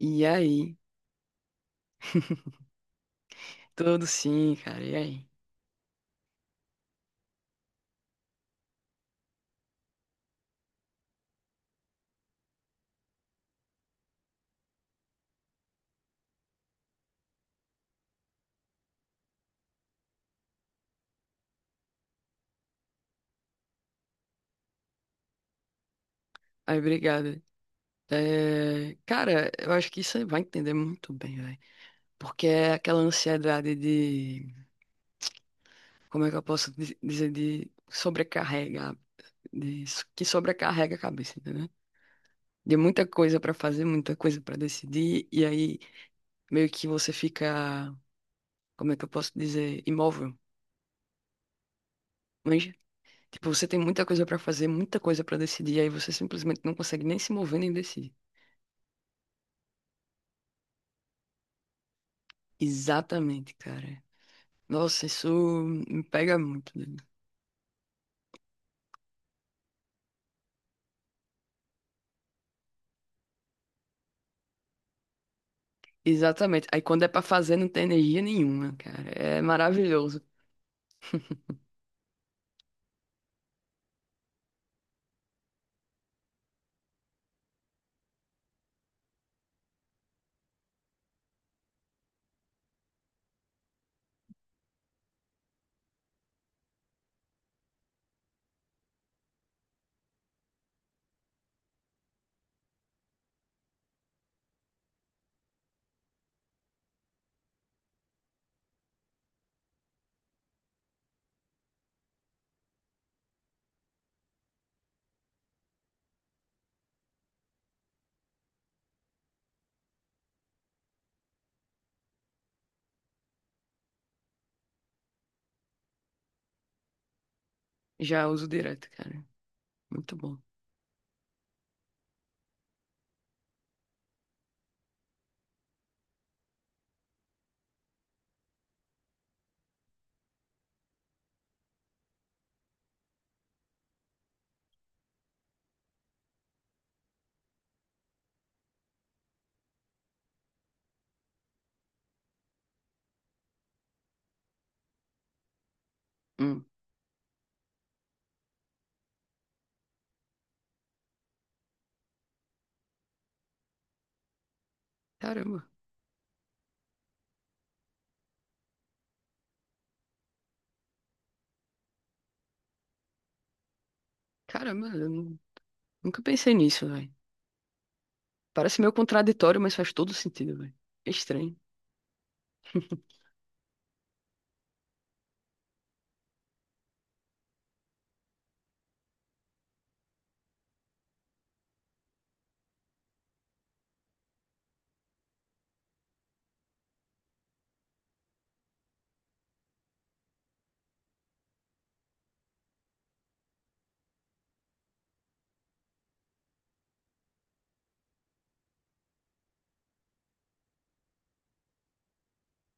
E aí? Tudo sim, cara. E aí? Aí, obrigado. É, cara, eu acho que você vai entender muito bem, velho. Porque é aquela ansiedade de, como é que eu posso dizer, de sobrecarregar, que sobrecarrega a cabeça, entendeu? De muita coisa pra fazer, muita coisa pra decidir, e aí meio que você fica, como é que eu posso dizer, imóvel. Mas, tipo, você tem muita coisa pra fazer, muita coisa pra decidir, e aí você simplesmente não consegue nem se mover nem decidir. Exatamente, cara. Nossa, isso me pega muito, né? Exatamente. Aí quando é pra fazer, não tem energia nenhuma, cara. É maravilhoso. Já uso direto, cara. Muito bom. Hum. Caramba. Caramba, nunca pensei nisso, velho. Parece meio contraditório, mas faz todo sentido, velho. Estranho.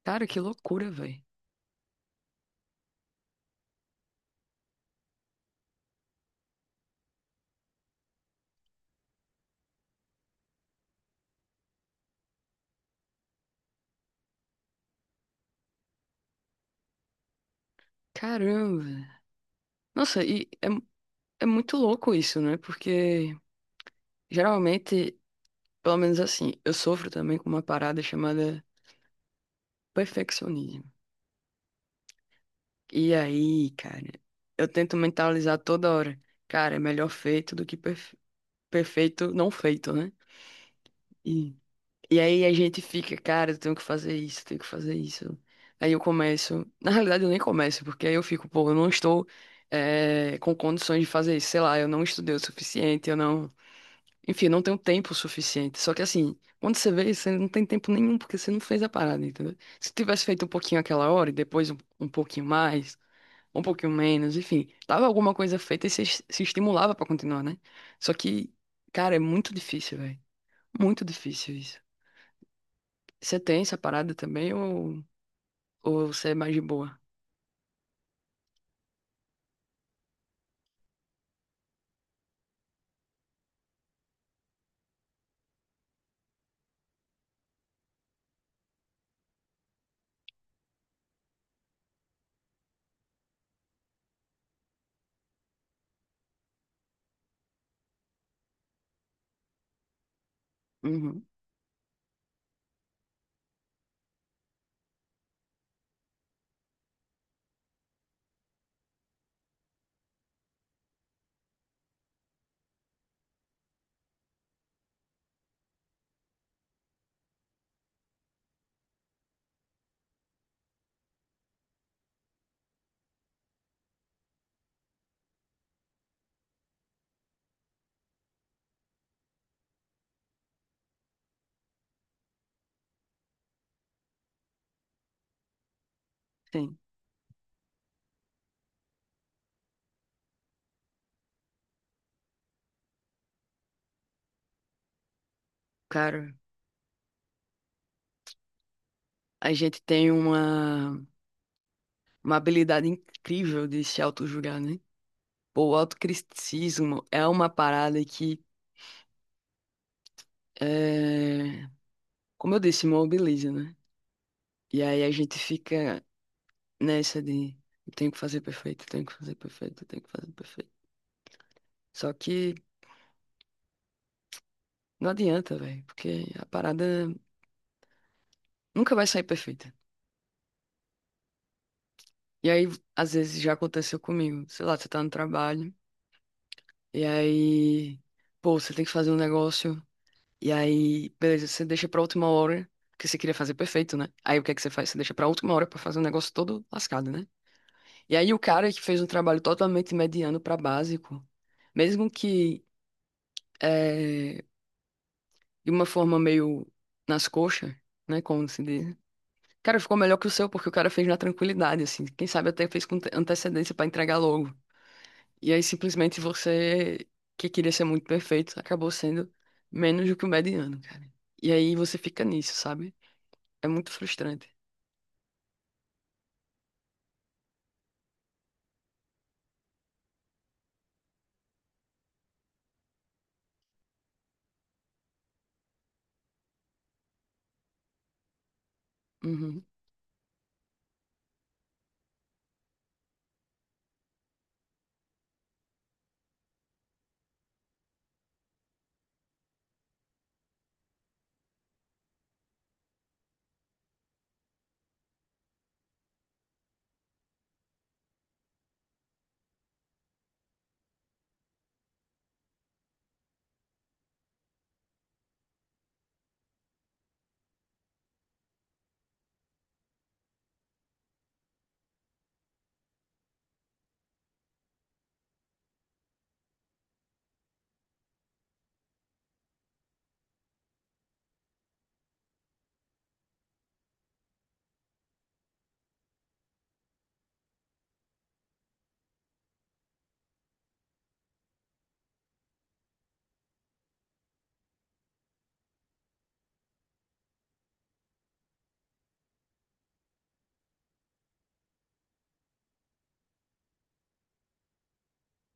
Cara, que loucura, velho. Caramba. Nossa, é muito louco isso, né? Porque geralmente, pelo menos assim, eu sofro também com uma parada chamada perfeccionismo. E aí, cara, eu tento mentalizar toda hora. Cara, é melhor feito do que perfeito não feito, né? E, e aí a gente fica, cara, eu tenho que fazer isso, eu tenho que fazer isso. Aí eu começo. Na realidade, eu nem começo, porque aí eu fico, pô, eu não estou com condições de fazer isso. Sei lá, eu não estudei o suficiente, eu não. Enfim, eu não tenho tempo suficiente. Só que assim, quando você vê, você não tem tempo nenhum, porque você não fez a parada, entendeu? Se tivesse feito um pouquinho aquela hora e depois um pouquinho mais um pouquinho menos, enfim, tava alguma coisa feita e se estimulava pra continuar, né? Só que, cara, é muito difícil, velho. Muito difícil isso. Você tem essa parada também ou você é mais de boa? Uhum, sim. Cara, a gente tem uma habilidade incrível de se auto-julgar, né? Pô, o autocriticismo é uma parada que, é, como eu disse, mobiliza, né? E aí a gente fica nessa de eu tenho que fazer perfeito, eu tenho que fazer perfeito, eu tenho que fazer perfeito. Só que não adianta, velho, porque a parada nunca vai sair perfeita. E aí, às vezes, já aconteceu comigo. Sei lá, você tá no trabalho, e aí, pô, você tem que fazer um negócio, e aí, beleza, você deixa pra última hora, porque você queria fazer perfeito, né? Aí o que é que você faz? Você deixa pra última hora pra fazer um negócio todo lascado, né? E aí, o cara que fez um trabalho totalmente mediano pra básico, mesmo que eh, de uma forma meio nas coxas, né? Como se diz. Cara, ficou melhor que o seu, porque o cara fez na tranquilidade, assim. Quem sabe até fez com antecedência pra entregar logo. E aí, simplesmente, você, que queria ser muito perfeito, acabou sendo menos do que o mediano, cara. E aí você fica nisso, sabe? É muito frustrante. Uhum.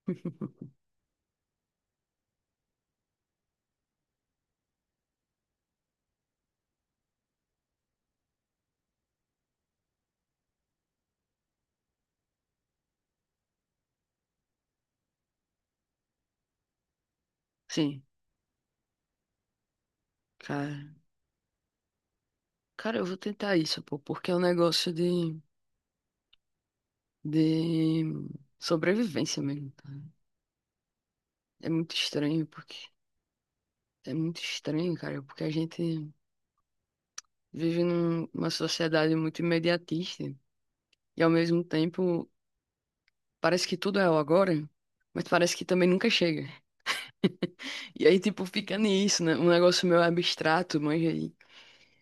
Sim, cara. Cara, eu vou tentar isso, pô, porque é um negócio de sobrevivência mesmo. Cara. É muito estranho, porque. É muito estranho, cara, porque a gente vive numa sociedade muito imediatista. E ao mesmo tempo, parece que tudo é o agora, mas parece que também nunca chega. E aí, tipo, fica nisso, né? Um negócio meio abstrato, mas aí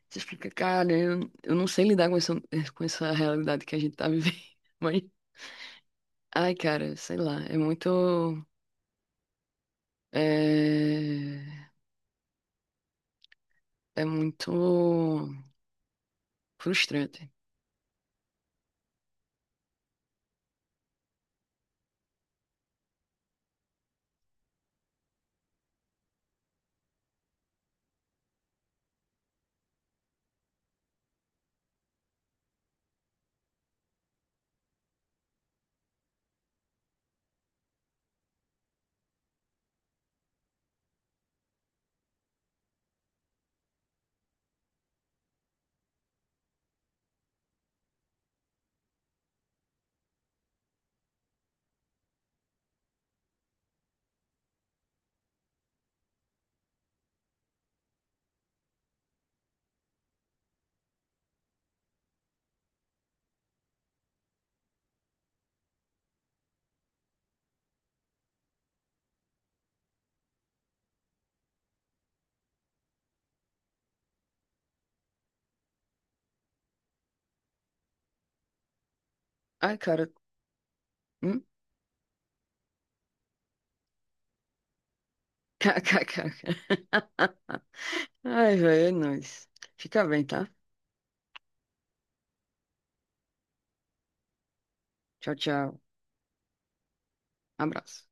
você fica, cara, eu não sei lidar com essa realidade que a gente tá vivendo. Mas, ai, cara, sei lá, é muito. É, é muito frustrante. Ai, cara. Hum? Kkk. Ai, velho, é nóis. Fica bem, tá? Tchau, tchau. Abraço.